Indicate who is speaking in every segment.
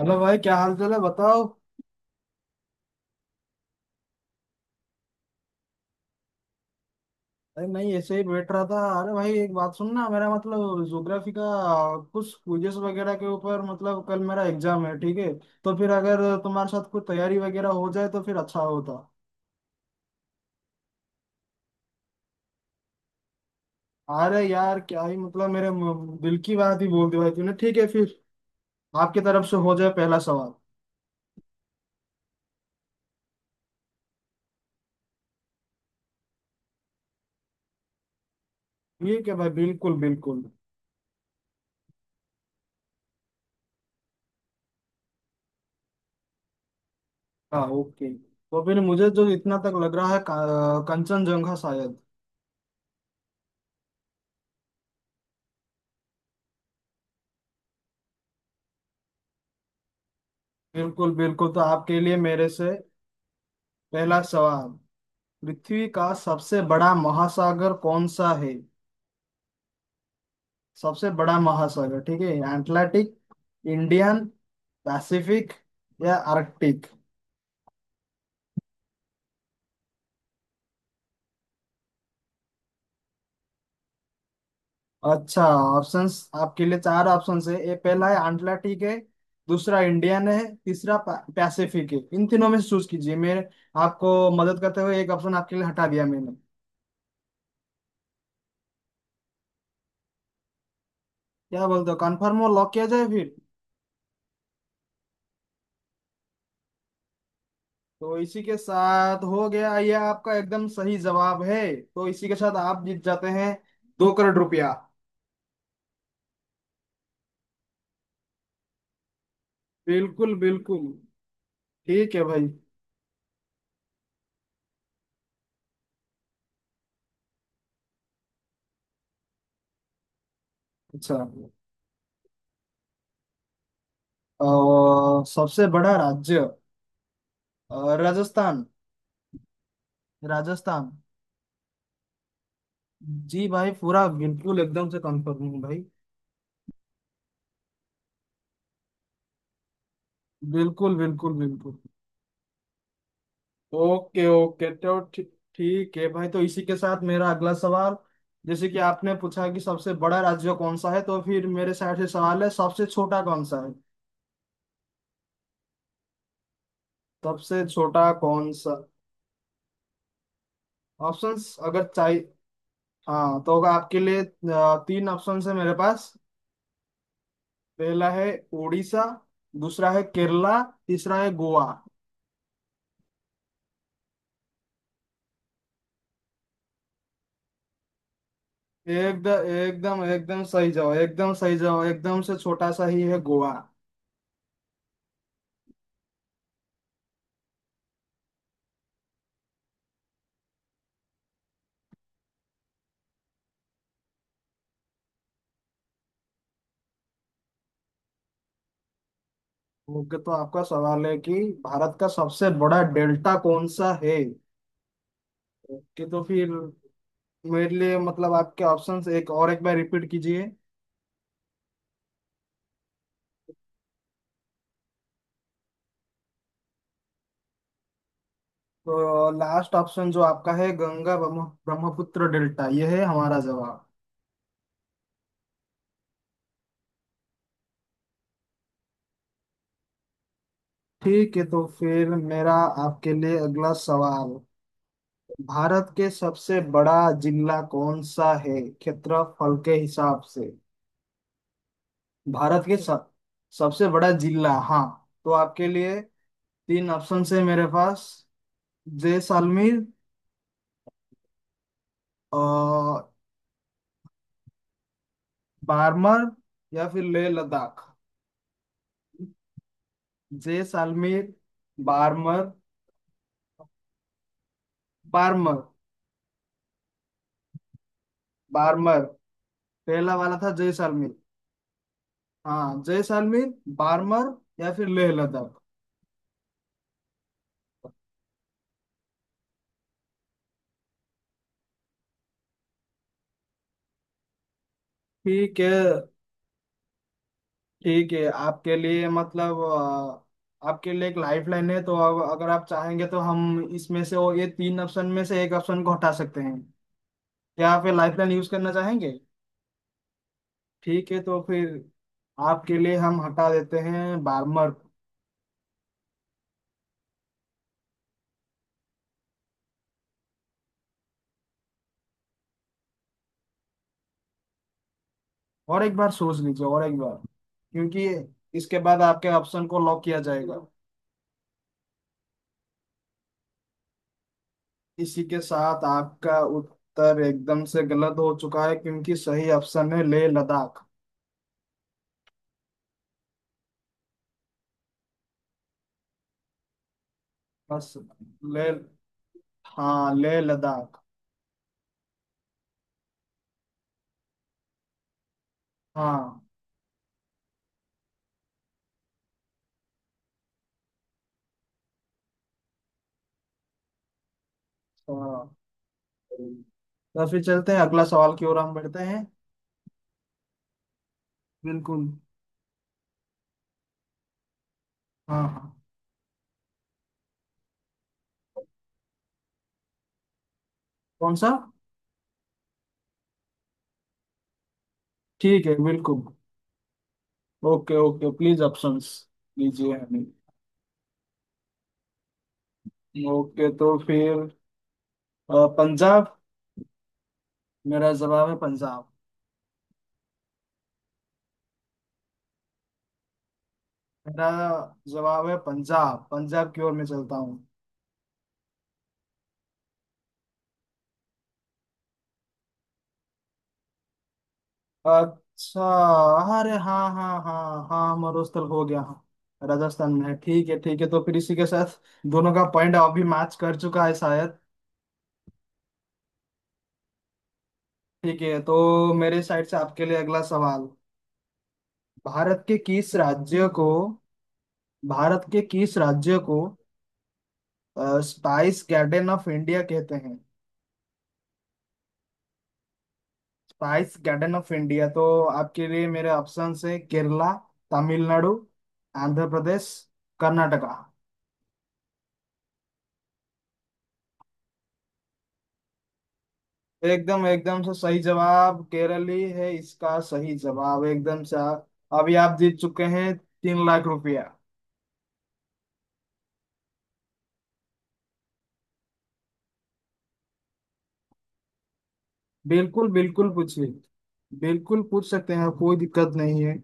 Speaker 1: Hello भाई, क्या हाल चाल है बताओ। अरे नहीं, ऐसे ही बैठ रहा था। अरे भाई, एक बात सुनना। मेरा मतलब ज्योग्राफी का कुछ क्विजेस वगैरह के ऊपर, मतलब कल मेरा एग्जाम है, ठीक है। तो फिर अगर तुम्हारे साथ कुछ तैयारी वगैरह हो जाए तो फिर अच्छा होता। अरे यार, क्या ही, मतलब, मेरे दिल की बात ही बोल दी भाई तूने। ठीक है फिर, आपकी तरफ से हो जाए पहला सवाल। ठीक है भाई, बिल्कुल बिल्कुल। हाँ ओके। तो फिर मुझे जो इतना तक लग रहा है, कंचनजंगा शायद। बिल्कुल बिल्कुल, तो आपके लिए मेरे से पहला सवाल, पृथ्वी का सबसे बड़ा महासागर कौन सा है? सबसे बड़ा महासागर, ठीक है। एटलांटिक, इंडियन, पैसिफिक या आर्कटिक। अच्छा, ऑप्शंस। आपके लिए चार ऑप्शंस है, ये पहला है अटलांटिक है, दूसरा इंडियन है, तीसरा पैसिफिक है। इन तीनों में से चूज कीजिए। मैं आपको मदद करते हुए एक ऑप्शन आपके लिए हटा दिया मैंने। क्या बोलते हो, कंफर्म और लॉक किया जाए फिर? तो इसी के साथ हो गया, ये आपका एकदम सही जवाब है, तो इसी के साथ आप जीत जाते हैं 2 करोड़ रुपया। बिल्कुल बिल्कुल। ठीक है भाई। अच्छा, और सबसे बड़ा राज्य? राजस्थान। राजस्थान। जी भाई, पूरा बिल्कुल एकदम से कंफर्म हूँ भाई। बिल्कुल बिल्कुल बिल्कुल। ओके ओके, ठीक है भाई। तो इसी के साथ मेरा अगला सवाल, जैसे कि आपने पूछा कि सबसे बड़ा राज्य कौन सा है, तो फिर मेरे साइड से सवाल है, सबसे छोटा कौन सा है? सबसे छोटा कौन सा? ऑप्शंस अगर चाहिए। हाँ, तो होगा आपके लिए तीन ऑप्शन है मेरे पास। पहला है उड़ीसा, दूसरा है केरला, तीसरा है गोवा। एकदम एकदम एकदम सही जवाब, एकदम सही जवाब, एकदम से छोटा सा ही है गोवा। ओके, तो आपका सवाल है कि भारत का सबसे बड़ा डेल्टा कौन सा है। ओके, तो फिर मेरे लिए, मतलब, आपके ऑप्शंस एक और एक बार रिपीट कीजिए। तो लास्ट ऑप्शन जो आपका है, गंगा ब्रह्मपुत्र डेल्टा, ये है हमारा जवाब। ठीक है, तो फिर मेरा आपके लिए अगला सवाल, भारत के सबसे बड़ा जिला कौन सा है क्षेत्रफल के हिसाब से? भारत के सब सबसे बड़ा जिला, हाँ। तो आपके लिए तीन ऑप्शन है मेरे पास, जैसलमेर, और बारमर, या फिर लेह लद्दाख। जैसलमेर, बारमर। बारमर। बारमर। पहला वाला था जैसलमेर। हाँ, जैसलमेर, बारमर, या फिर लेह लद्दाख। ठीक है, ठीक है। आपके लिए, मतलब, आपके लिए एक लाइफ लाइन है। तो अब अगर आप चाहेंगे तो हम इसमें से, वो, ये तीन ऑप्शन में से एक ऑप्शन को हटा सकते हैं। क्या आप ये लाइफ लाइन यूज करना चाहेंगे? ठीक है, तो फिर आपके लिए हम हटा देते हैं बारमर। और एक बार सोच लीजिए, और एक बार, क्योंकि इसके बाद आपके ऑप्शन को लॉक किया जाएगा। इसी के साथ आपका उत्तर एकदम से गलत हो चुका है, क्योंकि सही ऑप्शन है लेह लद्दाख। बस, ले हाँ लेह लद्दाख। हाँ। तो तो फिर चलते हैं अगला सवाल की ओर, हम बढ़ते हैं। बिल्कुल। हाँ हाँ। कौन सा? ठीक है, बिल्कुल। ओके ओके, प्लीज ऑप्शंस दीजिए हमें। ओके, तो फिर पंजाब। मेरा जवाब है पंजाब। मेरा जवाब है पंजाब, पंजाब की ओर मैं चलता हूँ। अच्छा, अरे हाँ हाँ हाँ हाँ, मरुस्थल हो गया, हाँ राजस्थान में है। ठीक है, ठीक है। तो फिर इसी के साथ दोनों का पॉइंट अभी मैच कर चुका है शायद। ठीक है, तो मेरे साइड से आपके लिए अगला सवाल, भारत के किस राज्य को, भारत के किस राज्य को स्पाइस गार्डन ऑफ इंडिया कहते हैं? स्पाइस गार्डन ऑफ इंडिया, तो आपके लिए मेरे ऑप्शन है, केरला, तमिलनाडु, आंध्र प्रदेश, कर्नाटका। एकदम एकदम से सही जवाब, केरली है इसका सही जवाब, एकदम से। आप अभी आप जीत चुके हैं 3 लाख रुपया। बिल्कुल बिल्कुल, पूछिए। बिल्कुल पूछ सकते हैं, कोई दिक्कत नहीं है।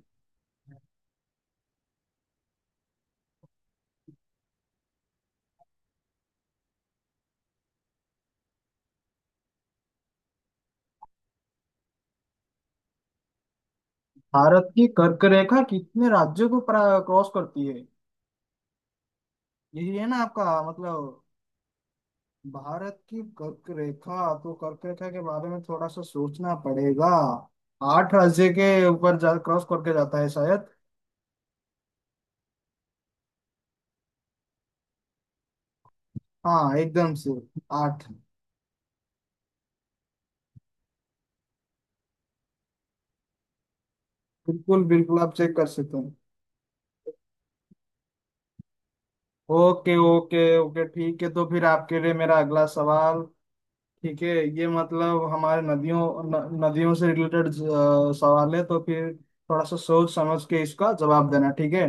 Speaker 1: भारत की कर्क रेखा कितने राज्यों को क्रॉस करती है, यही है ना आपका मतलब? भारत की कर्क रेखा, तो कर्क रेखा के बारे में थोड़ा सा सोचना पड़ेगा। आठ राज्य के ऊपर जा क्रॉस करके जाता है शायद। हाँ एकदम से आठ। बिल्कुल बिल्कुल, आप चेक कर सकते हैं। ओके ओके ओके, ठीक है। तो फिर आपके लिए मेरा अगला सवाल, ठीक है। ये मतलब हमारे नदियों, न, नदियों से रिलेटेड सवाल है। तो फिर थोड़ा सा सोच समझ के इसका जवाब देना, ठीक है।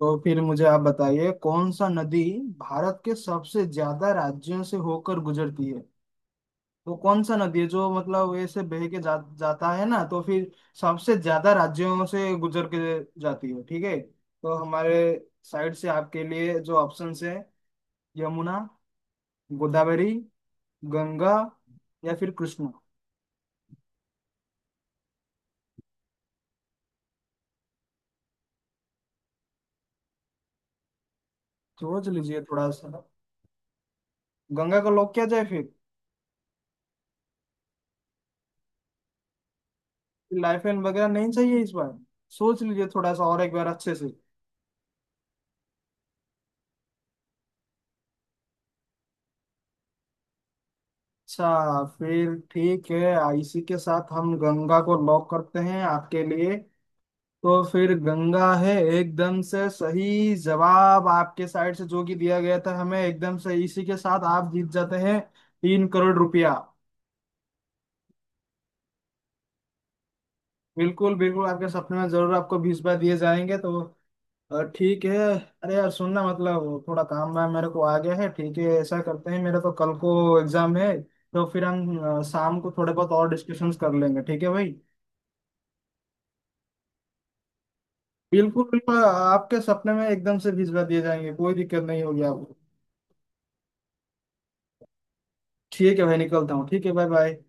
Speaker 1: तो फिर मुझे आप बताइए, कौन सा नदी भारत के सबसे ज्यादा राज्यों से होकर गुजरती है? वो कौन सा नदी है जो, मतलब, ऐसे बह के जाता है ना? तो फिर सबसे ज्यादा राज्यों से गुजर के जाती है, ठीक है। तो हमारे साइड से आपके लिए जो ऑप्शंस है, यमुना, गोदावरी, गंगा, या फिर कृष्णा। सोच लीजिए थोड़ा सा। गंगा को लोग क्या जाए फिर? लाइफ लाइन वगैरह नहीं चाहिए इस बार? सोच लीजिए थोड़ा सा और एक बार अच्छे से। अच्छा फिर ठीक है, इसी के साथ हम गंगा को लॉक करते हैं आपके लिए। तो फिर गंगा है एकदम से सही जवाब, आपके साइड से जो कि दिया गया था हमें एकदम से। इसी के साथ आप जीत जाते हैं 3 करोड़ रुपया। बिल्कुल बिल्कुल, आपके सपने में जरूर आपको भिजवा दिए जाएंगे। तो ठीक है। अरे यार, सुनना, मतलब, थोड़ा काम वाम मेरे को आ गया है, ठीक है। ऐसा करते हैं, मेरा तो कल को एग्जाम है, तो फिर हम शाम को थोड़े बहुत और डिस्कशंस कर लेंगे, ठीक है भाई। बिल्कुल बिल्कुल, आपके सपने में एकदम से भिजवा दिए जाएंगे, कोई दिक्कत नहीं होगी आपको। ठीक है भाई, निकलता हूँ। ठीक है, बाय बाय।